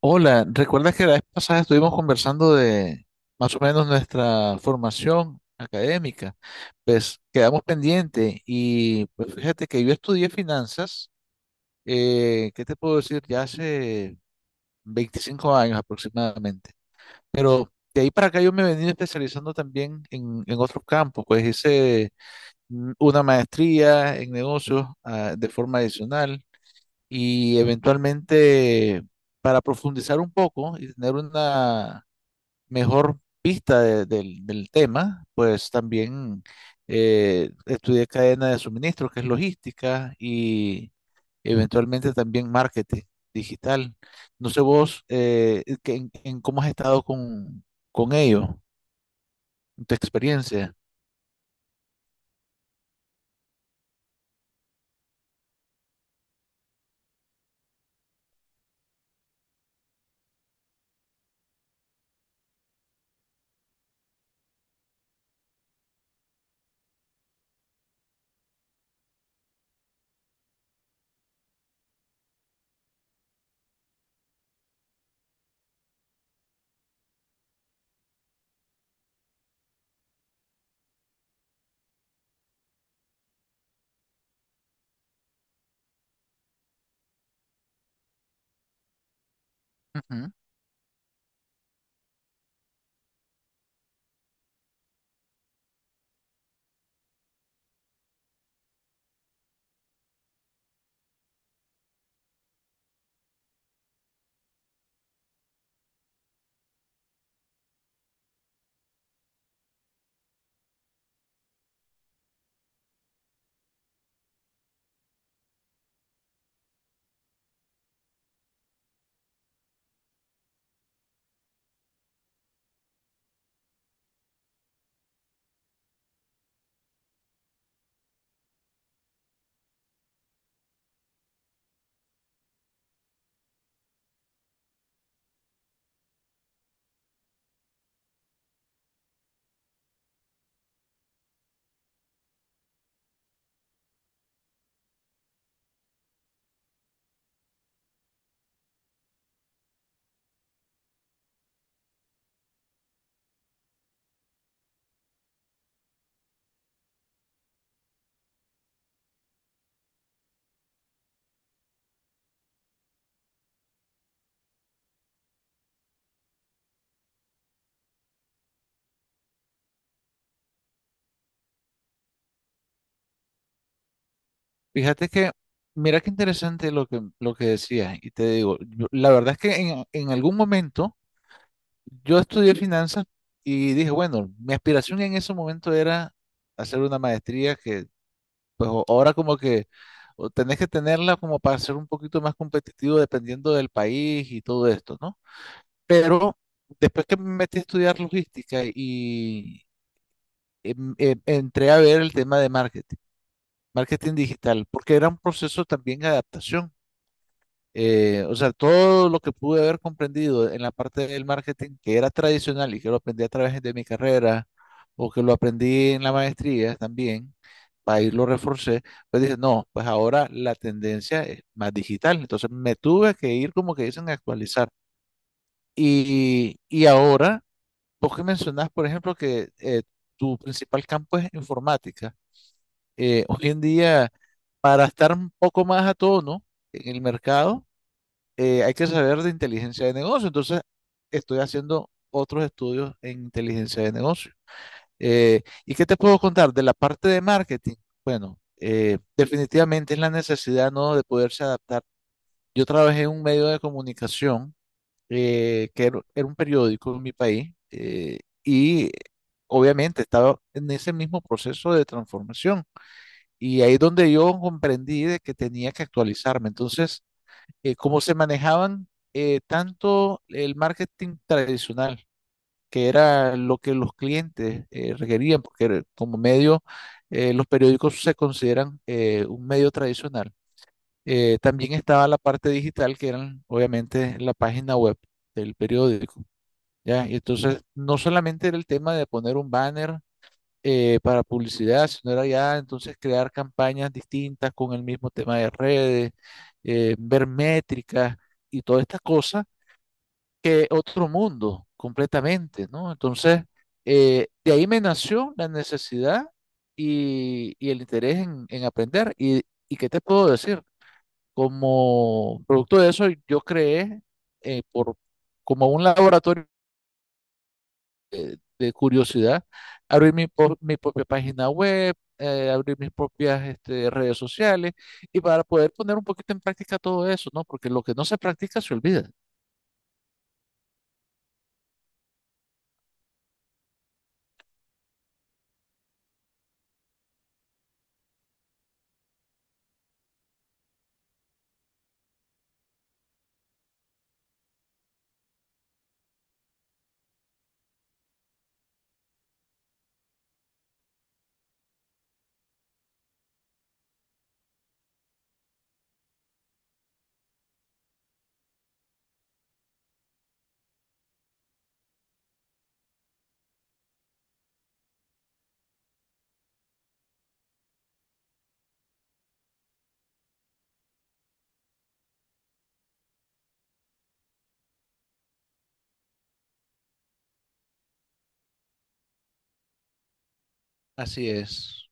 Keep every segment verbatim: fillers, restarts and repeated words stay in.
Hola, ¿recuerdas que la vez pasada estuvimos conversando de más o menos nuestra formación académica? Pues quedamos pendientes y pues fíjate que yo estudié finanzas, eh, ¿qué te puedo decir? Ya hace veinticinco años aproximadamente, pero de ahí para acá yo me he venido especializando también en, en otros campos, pues hice mm, una maestría en negocios, ah, de forma adicional y eventualmente para profundizar un poco y tener una mejor vista de- del del tema, pues también eh, estudié cadena de suministro, que es logística, y eventualmente también marketing digital. No sé vos eh, eh, que- en, en cómo has estado con, con ello, en tu experiencia. Ujú. Fíjate que, mira qué interesante lo que, lo que decías, y te digo, yo, la verdad es que en en algún momento... Yo estudié finanzas y dije, bueno, mi aspiración en ese momento era hacer una maestría que, pues o- ahora como que o tenés que tenerla como para ser un poquito más competitivo dependiendo del país y todo esto, ¿no? Pero después que me metí a estudiar logística y em- em- entré a ver el tema de marketing, marketing digital, porque era un proceso también de adaptación. Eh, o sea, todo lo que pude haber comprendido en la parte del marketing que era tradicional y que lo aprendí a través de mi carrera o que lo aprendí en la maestría también, para irlo reforcé, pues dije, no, pues ahora la tendencia es más digital. Entonces me tuve que ir como que dicen a actualizar. Y, y ahora, vos que mencionás, por ejemplo, que eh, tu principal campo es informática. Eh, hoy en día, para estar un poco más a tono en el mercado, eh, hay que saber de inteligencia de negocio. Entonces, estoy haciendo otros estudios en inteligencia de negocio. Eh, ¿y qué te puedo contar de la parte de marketing? Bueno, eh, definitivamente es la necesidad, ¿no? De poderse adaptar. Yo trabajé en un medio de comunicación eh, que era, era un periódico en mi país, eh, y obviamente estaba en ese mismo proceso de transformación. Y ahí es donde yo comprendí de que tenía que actualizarme. Entonces, eh, cómo se manejaban, eh, tanto el marketing tradicional, que era lo que los clientes eh, requerían, porque era como medio, eh, los periódicos se consideran eh, un medio tradicional. Eh, también estaba la parte digital, que eran obviamente la página web del periódico, ¿ya? Y entonces no solamente era el tema de poner un banner, eh, para publicidad, sino era ya entonces crear campañas distintas con el mismo tema de redes, eh, ver métricas y toda esta cosa, que otro mundo completamente, ¿no? Entonces, eh, de ahí me nació la necesidad y, y el interés en, en aprender. Y ¿y qué te puedo decir? Como producto de eso, yo creé, eh, por, como un laboratorio de curiosidad, abrir mi, po- mi propia página web, eh, abrir mis propias este, redes sociales y para poder poner un poquito en práctica todo eso, ¿no? Porque lo que no se practica se olvida. Así es.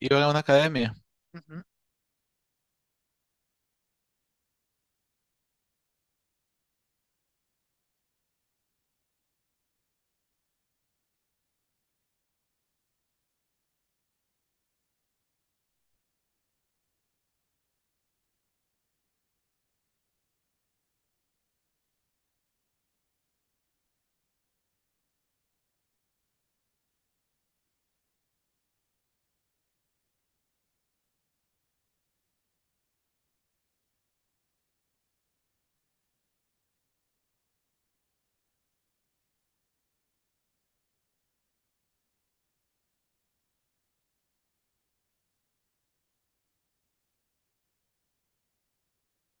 Iba a una academia. Ujú.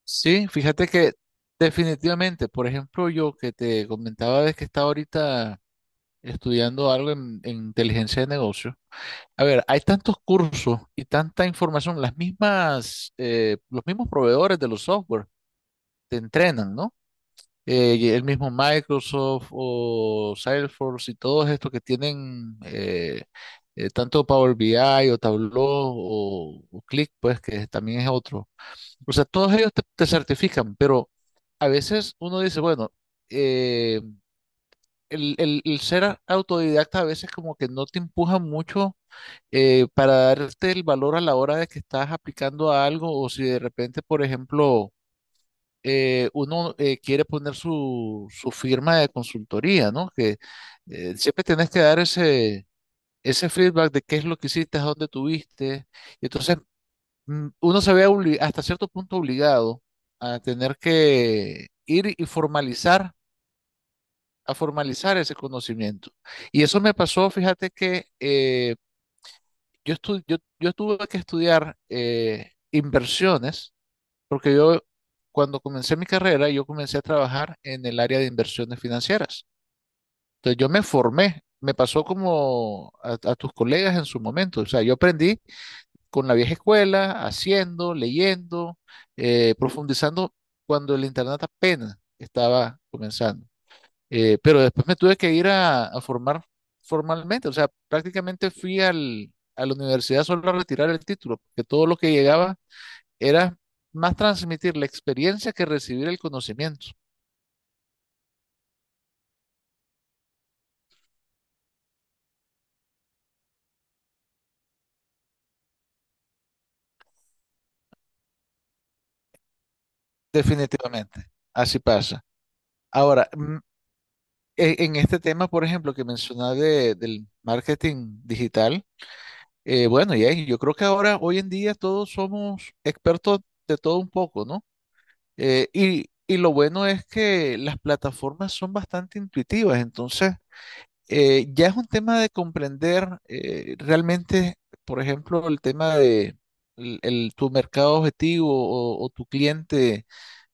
Sí, fíjate que definitivamente, por ejemplo, yo que te comentaba de que estaba ahorita estudiando algo en, en inteligencia de negocios. A ver, hay tantos cursos y tanta información, las mismas, eh, los mismos proveedores de los software te entrenan, ¿no? Eh, el mismo Microsoft o Salesforce y todos estos que tienen eh, eh, tanto Power B I o Tableau o, o Click, pues que también es otro. O sea, todos ellos te, te certifican, pero a veces uno dice, bueno, eh, el, el- el ser autodidacta a veces como que no te empuja mucho. Eh, para darte el valor a la hora de que estás aplicando a algo o si de repente, por ejemplo, eh, uno eh, quiere poner su, su firma de consultoría, ¿no? Que eh, siempre tenés que dar ese, ese feedback de qué es lo que hiciste, a dónde tuviste. Y entonces mm, uno se ve obli- hasta cierto punto obligado a tener que ir y formalizar, a formalizar ese conocimiento. Y eso me pasó, fíjate que eh, yo, estu- yo, yo tuve que estudiar eh, inversiones. Porque yo, cuando comencé mi carrera, yo comencé a trabajar en el área de inversiones financieras. Entonces yo me formé, me pasó como a, a tus colegas en su momento. O sea, yo aprendí con la vieja escuela, haciendo, leyendo, eh, profundizando cuando el internet apenas estaba comenzando. Eh, pero después me tuve que ir a, a formar formalmente. O sea, prácticamente fui al, a la universidad solo a retirar el título, porque todo lo que llegaba era más transmitir la experiencia que recibir el conocimiento, definitivamente. Así pasa. Ahora, mm, e- en este tema, por ejemplo, que mencionaba de- del marketing digital, eh, bueno, y ahí, yo creo que ahora, hoy en día, todos somos expertos de todo un poco, ¿no? Eh, y, y lo bueno es que las plataformas son bastante intuitivas, entonces... eh, ya es un tema de comprender, eh, realmente, por ejemplo, el tema de el- el- tu mercado objetivo o, o tu cliente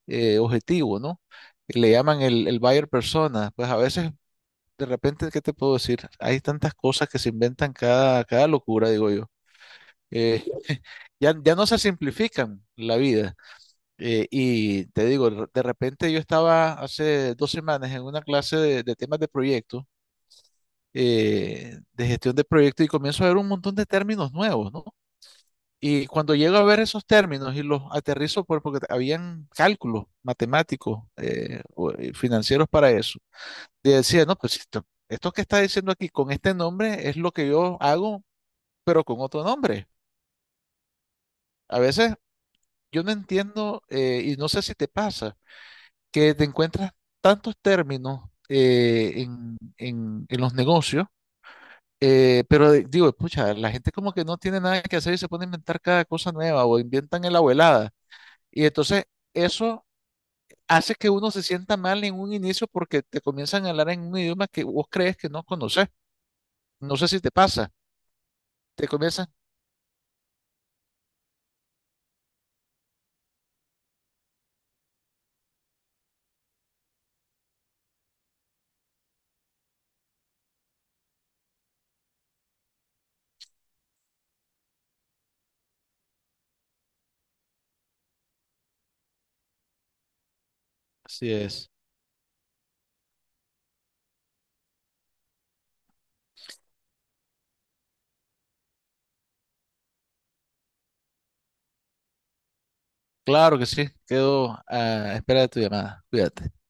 eh, objetivo, ¿no? Le llaman el, el buyer persona. Pues a veces, de repente, ¿qué te puedo decir? Hay tantas cosas que se inventan cada, cada locura, digo yo. Eh, ya, ya no se simplifican la vida. Eh, y te digo, de repente yo estaba hace dos semanas en una clase de, de temas de proyectos, eh, de gestión de proyectos y comienzo a ver un montón de términos nuevos, ¿no? Y cuando llego a ver esos términos y los aterrizo por, porque habían cálculos matemáticos, eh, o- eh, financieros para eso, y decía, no, pues esto, esto que está diciendo aquí con este nombre es lo que yo hago, pero con otro nombre. A veces yo no entiendo, eh, y no sé si te pasa, que te encuentras tantos términos eh, en en- en los negocios. Eh, pero de- digo, pucha, la gente como que no tiene nada que hacer y se pone a inventar cada cosa nueva o inventan en la abuelada. Y entonces eso hace que uno se sienta mal en un inicio porque te comienzan a hablar en un idioma que vos crees que no conoces. No sé si te pasa. Te comienzan. Así es. Claro que sí. Quedo a espera de tu llamada. Cuídate.